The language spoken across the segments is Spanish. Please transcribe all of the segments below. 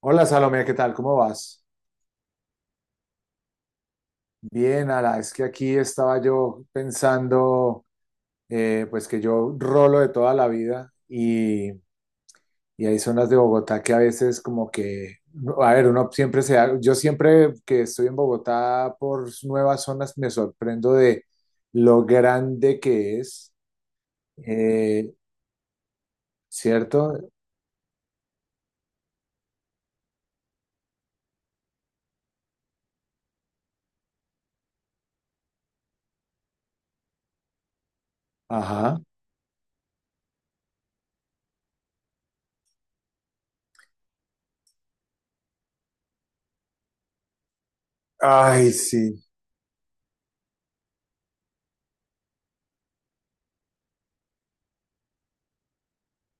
Hola Salomé, ¿qué tal? ¿Cómo vas? Bien, Ala, es que aquí estaba yo pensando, pues que yo rolo de toda la vida y hay zonas de Bogotá que a veces como que, no, a ver, uno siempre se da, yo siempre que estoy en Bogotá por nuevas zonas me sorprendo de lo grande que es, eh, ¿cierto? Ajá. Ay, sí.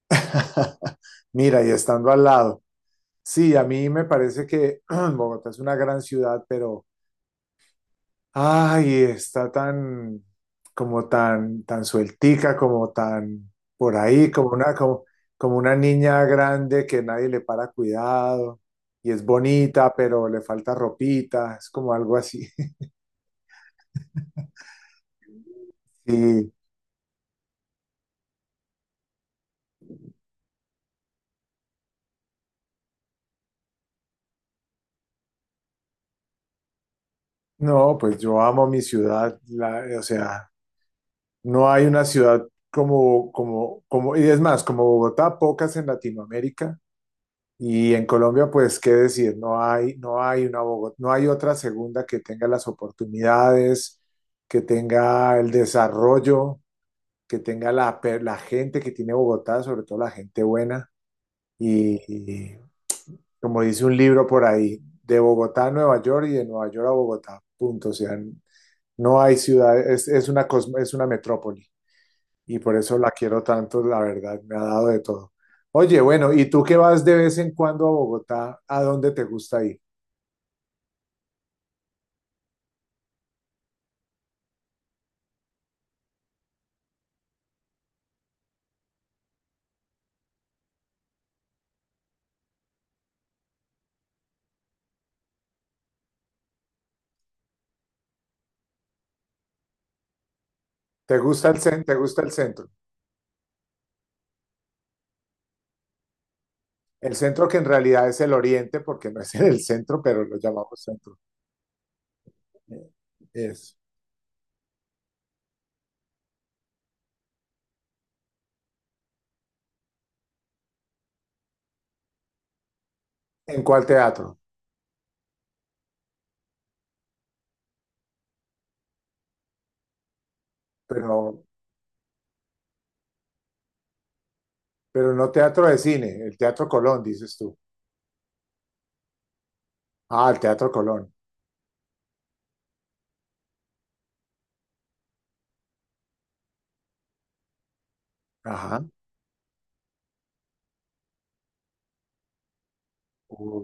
Mira, y estando al lado. Sí, a mí me parece que Bogotá es una gran ciudad, pero ay, está tan como tan sueltica, como tan por ahí, como una como, como una niña grande que nadie le para cuidado y es bonita, pero le falta ropita, es como algo así. Y no, pues yo amo mi ciudad, o sea, no hay una ciudad como y es más, como Bogotá, pocas en Latinoamérica. Y en Colombia, pues, qué decir, no hay una Bogotá, no hay otra segunda que tenga las oportunidades, que tenga el desarrollo, que tenga la gente que tiene Bogotá, sobre todo la gente buena. Y como dice un libro por ahí, de Bogotá a Nueva York y de Nueva York a Bogotá, punto. O sea, no hay ciudad, es una metrópoli y por eso la quiero tanto, la verdad, me ha dado de todo. Oye, bueno, ¿y tú que vas de vez en cuando a Bogotá? ¿A dónde te gusta ir? ¿Te gusta el centro? ¿Te gusta el centro? El centro que en realidad es el oriente, porque no es en el centro, pero lo llamamos centro. Eh, Es. ¿En cuál teatro? Pero, pero no teatro de cine, el Teatro Colón, dices tú. Ah, el Teatro Colón. Ajá. Uh,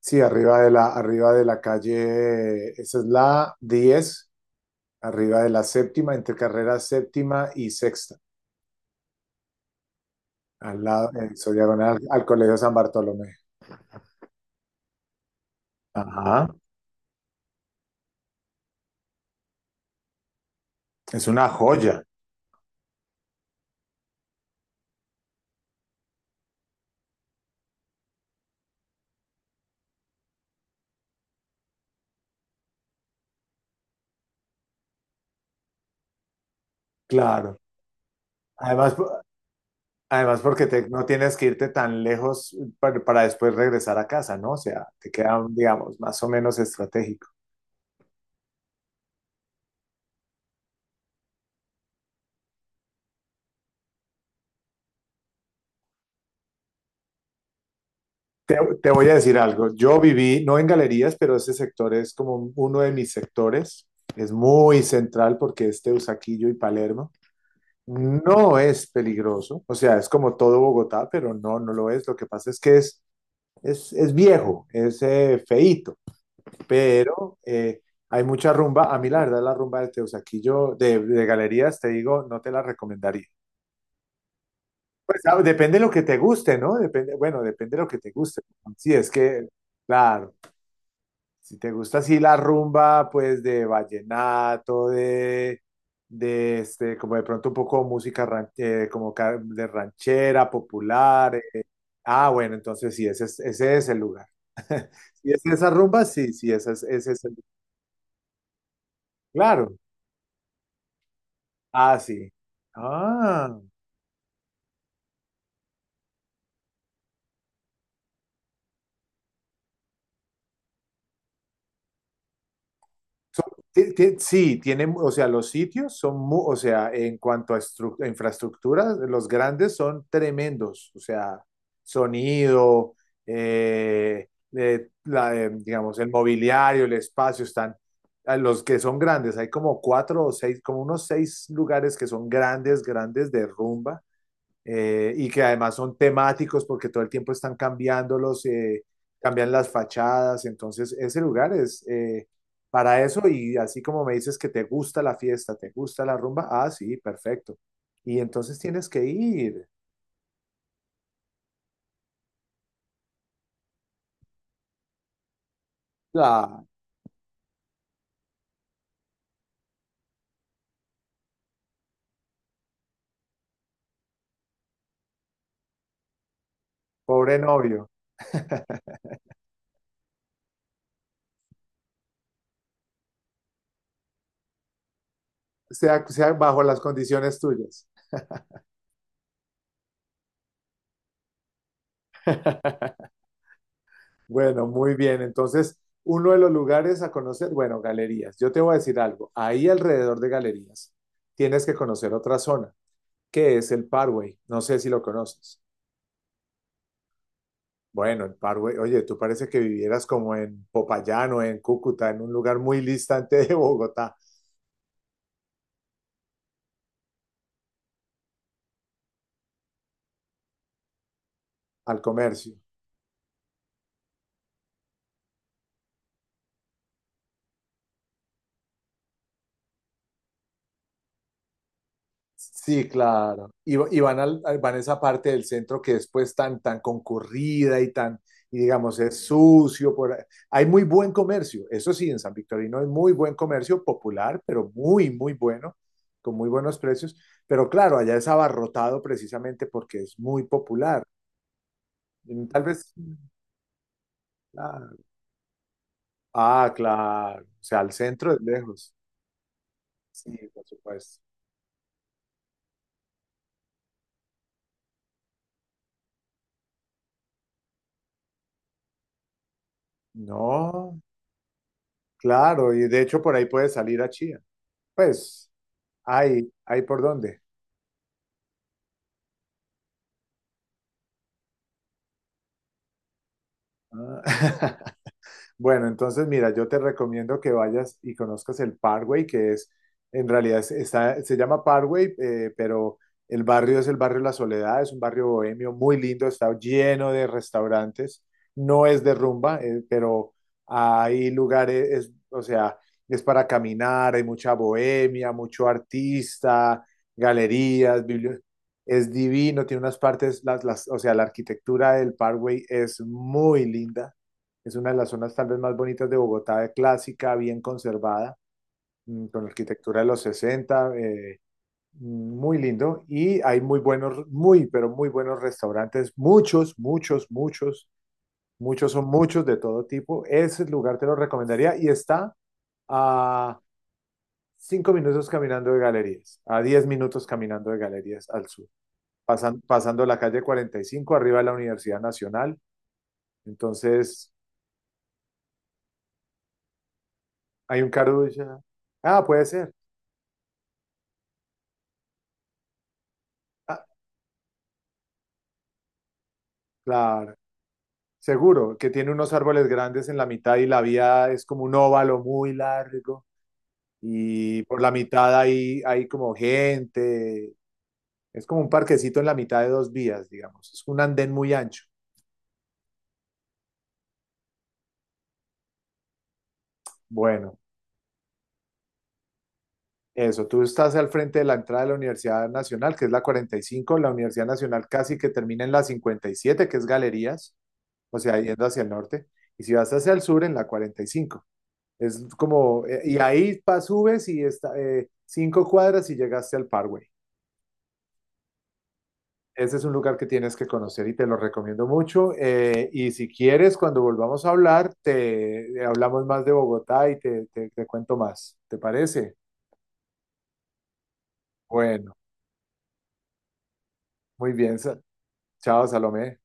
sí, arriba de la calle, esa es la 10 arriba de la séptima, entre carrera séptima y sexta, al lado de su diagonal al Colegio San Bartolomé. Ajá, es una joya, claro. Además, además porque no tienes que irte tan lejos para después regresar a casa, ¿no? O sea, te queda, digamos, más o menos estratégico. Te, te voy a decir algo, yo viví, no en galerías, pero ese sector es como uno de mis sectores, es muy central porque es Teusaquillo y Palermo. No es peligroso, o sea, es como todo Bogotá, pero no lo es. Lo que pasa es que es viejo, es feíto, pero hay mucha rumba. A mí, la verdad, la rumba de Teusaquillo, de galerías, te digo, no te la recomendaría. Pues depende de lo que te guste, ¿no? Depende, bueno, depende de lo que te guste. Sí, es que, claro. Si te gusta así la rumba, pues de vallenato, de este, como de pronto un poco música como de ranchera, popular. Ah, bueno, entonces sí, ese es el lugar. Si es esa rumba, sí, sí, ese es el lugar. Claro. Ah, sí. Ah. Sí, tienen, o sea, los sitios son, o sea, en cuanto a a infraestructura, los grandes son tremendos, o sea, sonido, eh, digamos, el mobiliario, el espacio, están, a los que son grandes, hay como cuatro o seis, como unos seis lugares que son grandes, grandes de rumba, y que además son temáticos porque todo el tiempo están cambiándolos, cambian las fachadas, entonces ese lugar es para eso y así como me dices que te gusta la fiesta, te gusta la rumba, ah, sí, perfecto. Y entonces tienes que ir. Ah, pobre novio, sea bajo las condiciones tuyas. Bueno, muy bien, entonces. Uno de los lugares a conocer, bueno, galerías. Yo te voy a decir algo. Ahí alrededor de galerías tienes que conocer otra zona. ¿Qué es el Parway? No sé si lo conoces. Bueno, el Parway, oye, tú parece que vivieras como en Popayán o en Cúcuta, en un lugar muy distante de Bogotá, al comercio. Sí, claro. Y van, van a esa parte del centro que después tan, tan concurrida y tan, y digamos, es sucio. Por ahí. Hay muy buen comercio, eso sí, en San Victorino hay muy buen comercio popular, pero muy, muy bueno, con muy buenos precios. Pero claro, allá es abarrotado precisamente porque es muy popular. Mm, tal vez. Claro. Ah, claro. O sea, al centro es lejos. Sí, por supuesto. No, claro. Y de hecho por ahí puedes salir a Chía. Pues, hay por dónde. Ah. Bueno, entonces mira, yo te recomiendo que vayas y conozcas el Parkway, que es, en realidad está, se llama Parkway, pero el barrio es el barrio La Soledad, es un barrio bohemio muy lindo, está lleno de restaurantes, no es de rumba, pero hay lugares, o sea, es para caminar, hay mucha bohemia, mucho artista, galerías, bibliotecas. Es divino, tiene unas partes, o sea, la arquitectura del Parkway es muy linda. Es una de las zonas tal vez más bonitas de Bogotá, clásica, bien conservada, con arquitectura de los 60 muy lindo. Y hay muy buenos, muy, pero muy buenos restaurantes, muchos, muchos, muchos, muchos son muchos de todo tipo. Ese lugar te lo recomendaría y está a 5 minutos caminando de galerías, a 10 minutos caminando de galerías al sur, pasando la calle 45 arriba de la Universidad Nacional. Entonces, hay un Carulla. Ah, puede ser. Ah, claro, seguro que tiene unos árboles grandes en la mitad y la vía es como un óvalo muy largo y por la mitad hay como gente, es como un parquecito en la mitad de dos vías, digamos, es un andén muy ancho. Bueno, eso, tú estás al frente de la entrada de la Universidad Nacional, que es la 45, la Universidad Nacional casi que termina en la 57, que es Galerías, o sea, yendo hacia el norte, y si vas hacia el sur, en la 45. Es como, y ahí subes y está, 5 cuadras y llegaste al Parkway. Ese es un lugar que tienes que conocer y te lo recomiendo mucho. Y si quieres, cuando volvamos a hablar, te hablamos más de Bogotá y te cuento más. ¿Te parece? Bueno, muy bien. Chao, Salomé.